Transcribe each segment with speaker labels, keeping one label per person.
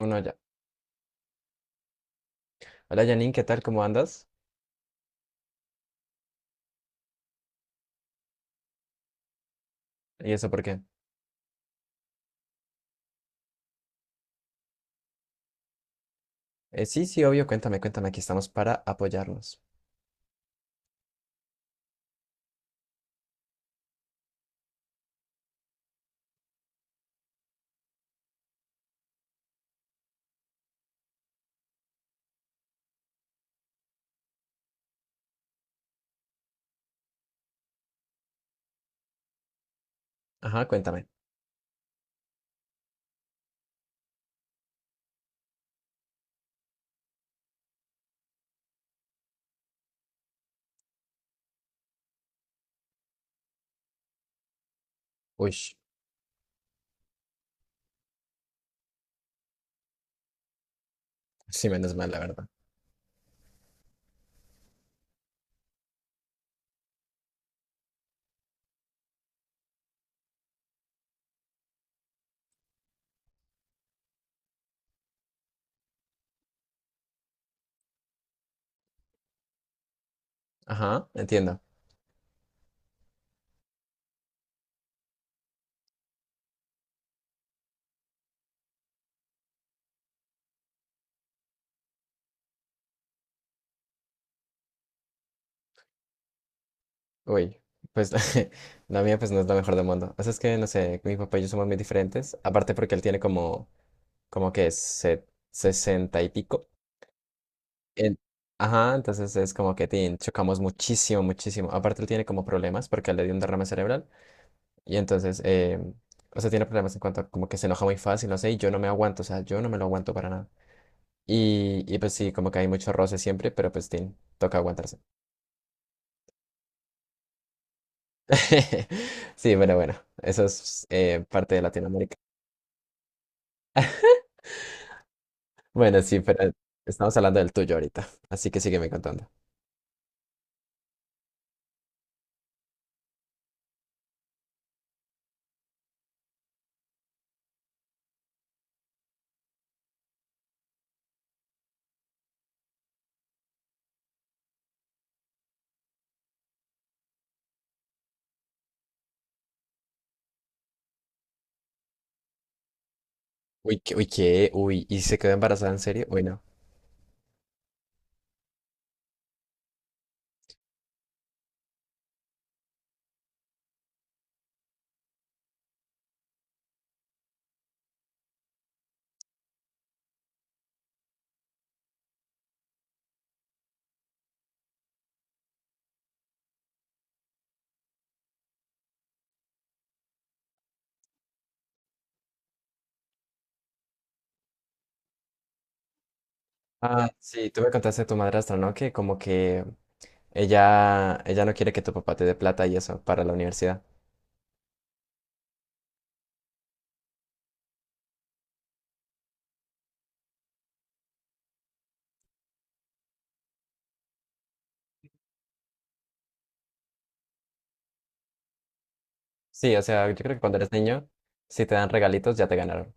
Speaker 1: Uno ya. Hola Janine, ¿qué tal? ¿Cómo andas? ¿Y eso por qué? Sí, sí, obvio, cuéntame, cuéntame, aquí estamos para apoyarnos. Ajá, cuéntame. Uy, sí, menos mal, la verdad. Ajá, entiendo. Uy, pues la mía pues no es la mejor del mundo. O sea, es que, no sé, mi papá y yo somos muy diferentes, aparte porque él tiene como, como que se- sesenta y pico. En- Ajá, entonces es como que tin, chocamos muchísimo, muchísimo. Aparte él tiene como problemas porque le dio un derrame cerebral. Y entonces, o sea, tiene problemas en cuanto a como que se enoja muy fácil, no sé, y yo no me aguanto, o sea, yo no me lo aguanto para nada. Y pues sí, como que hay mucho roce siempre, pero pues tin, toca aguantarse. Sí, bueno, bueno, eso es parte de Latinoamérica. Bueno, sí, pero estamos hablando del tuyo ahorita, así que sígueme contando. Uy, ¿qué- uy, ¿qué? Uy, ¿y se quedó embarazada en serio? Uy, no. Ah, sí, tú me contaste de tu madrastra, ¿no? Que como que ella no quiere que tu papá te dé plata y eso para la universidad. Sí, o sea, yo creo que cuando eres niño, si te dan regalitos, ya te ganaron.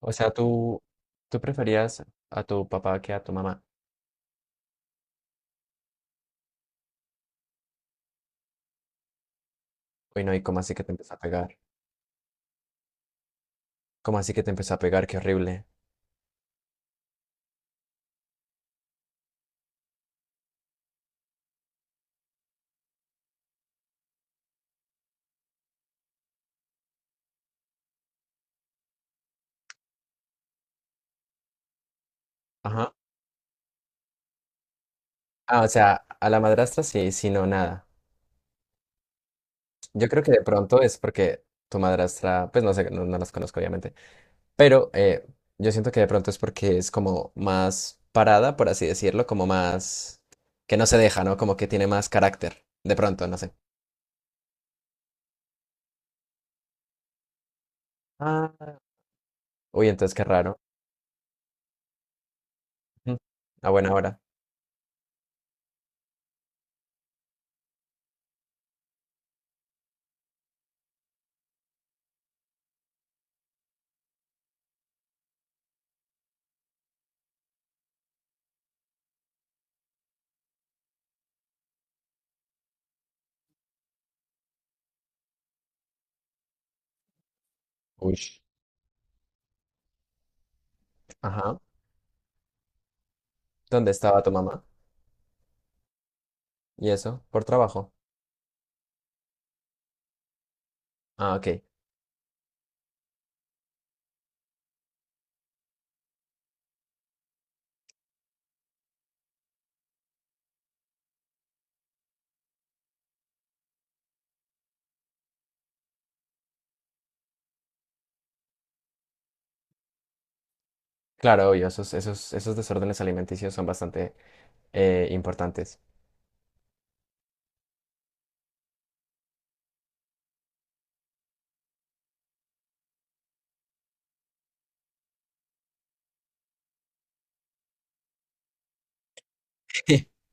Speaker 1: O sea, tú preferías a tu papá que a tu mamá. Uy, no, ¿y cómo así que te empezó a pegar? ¿Cómo así que te empezó a pegar? Qué horrible. Ajá. Ah, o sea, a la madrastra sí, sí, no, nada. Yo creo que de pronto es porque tu madrastra, pues no sé, no las conozco obviamente, pero yo siento que de pronto es porque es como más parada, por así decirlo, como más que no se deja, ¿no? Como que tiene más carácter, de pronto, no sé. Ah. Uy, entonces qué raro. Mm. A buena hora. Uy. Ajá. ¿Dónde estaba tu mamá? ¿Y eso? ¿Por trabajo? Ah, ok. Claro, obvio, esos desórdenes alimenticios son bastante importantes.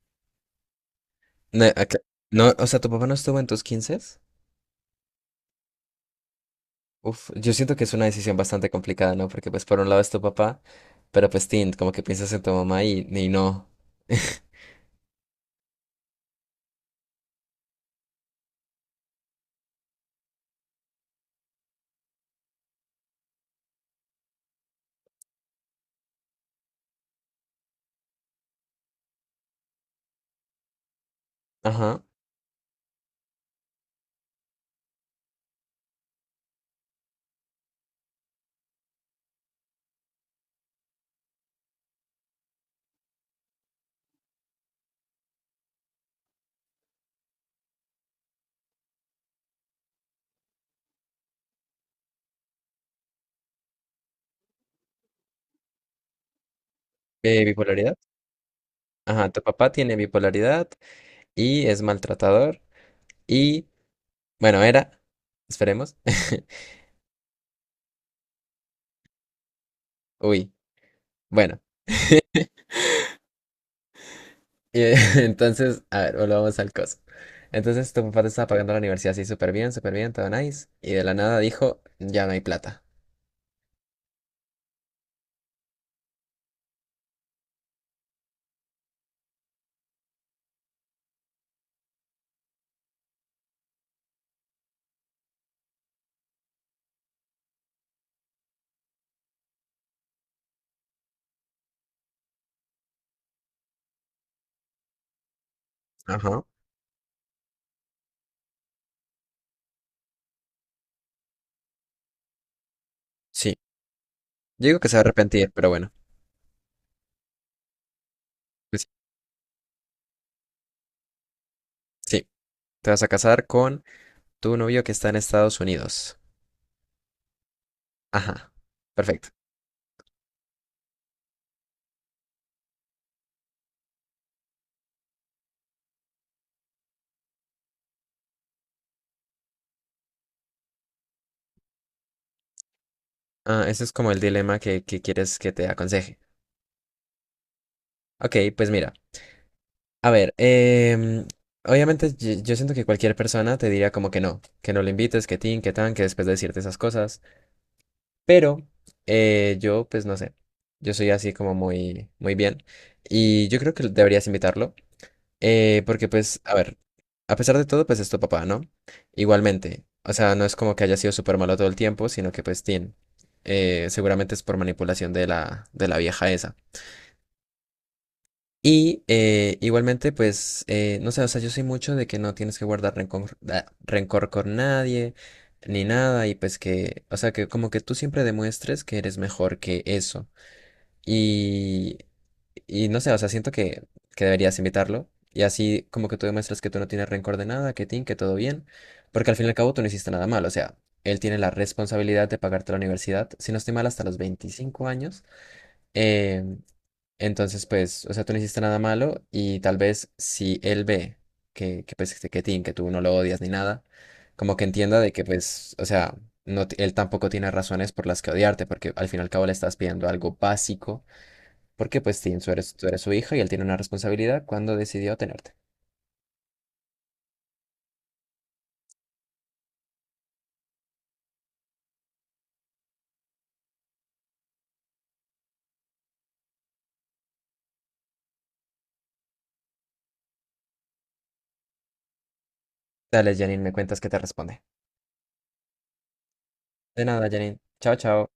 Speaker 1: No, acá- no, o sea, ¿tu papá no estuvo en tus 15? Uf, yo siento que es una decisión bastante complicada, ¿no? Porque pues por un lado es tu papá, pero pues tin, como que piensas en tu mamá y no. Ajá. Bipolaridad. Ajá, tu papá tiene bipolaridad y es maltratador y, bueno, era, esperemos. Uy. Bueno, y, entonces, a ver, volvamos al coso. Entonces tu papá te estaba pagando la universidad así súper bien, todo nice. Y de la nada dijo, ya no hay plata. Ajá. Sí, yo digo que se va a arrepentir, pero bueno. Pues sí, te vas a casar con tu novio que está en Estados Unidos. Ajá, perfecto. Ah, ese es como el dilema que quieres que te aconseje. Ok, pues mira, a ver, obviamente yo siento que cualquier persona te diría como que no le invites, que tin, que tan, que después de decirte esas cosas. Pero yo, pues no sé, yo soy así como muy, muy bien y yo creo que deberías invitarlo porque pues, a ver, a pesar de todo, pues es tu papá, ¿no? Igualmente, o sea, no es como que haya sido súper malo todo el tiempo, sino que pues, tiene seguramente es por manipulación de la vieja esa. Y igualmente, pues, no sé, o sea, yo soy mucho de que no tienes que guardar rencor, da- rencor con nadie, ni nada, y pues que, o sea, que como que tú siempre demuestres que eres mejor que eso. Y, y no sé, o sea, siento que deberías invitarlo. Y así como que tú demuestras que tú no tienes rencor de nada, que tin, que todo bien. Porque al fin y al cabo tú no hiciste nada mal. O sea, él tiene la responsabilidad de pagarte la universidad. Si no estoy mal, hasta los 25 años. Eh, entonces, pues, o sea, tú no hiciste nada malo. Y tal vez si él ve que pues, este, que tin, que tú no lo odias ni nada, como que entienda de que, pues, o sea, no, t- él tampoco tiene razones por las que odiarte. Porque al fin y al cabo le estás pidiendo algo básico porque pues sí, tú eres su hijo y él tiene una responsabilidad cuando decidió tenerte. Dale, Janine, me cuentas qué te responde. De nada, Janine. Chao, chao.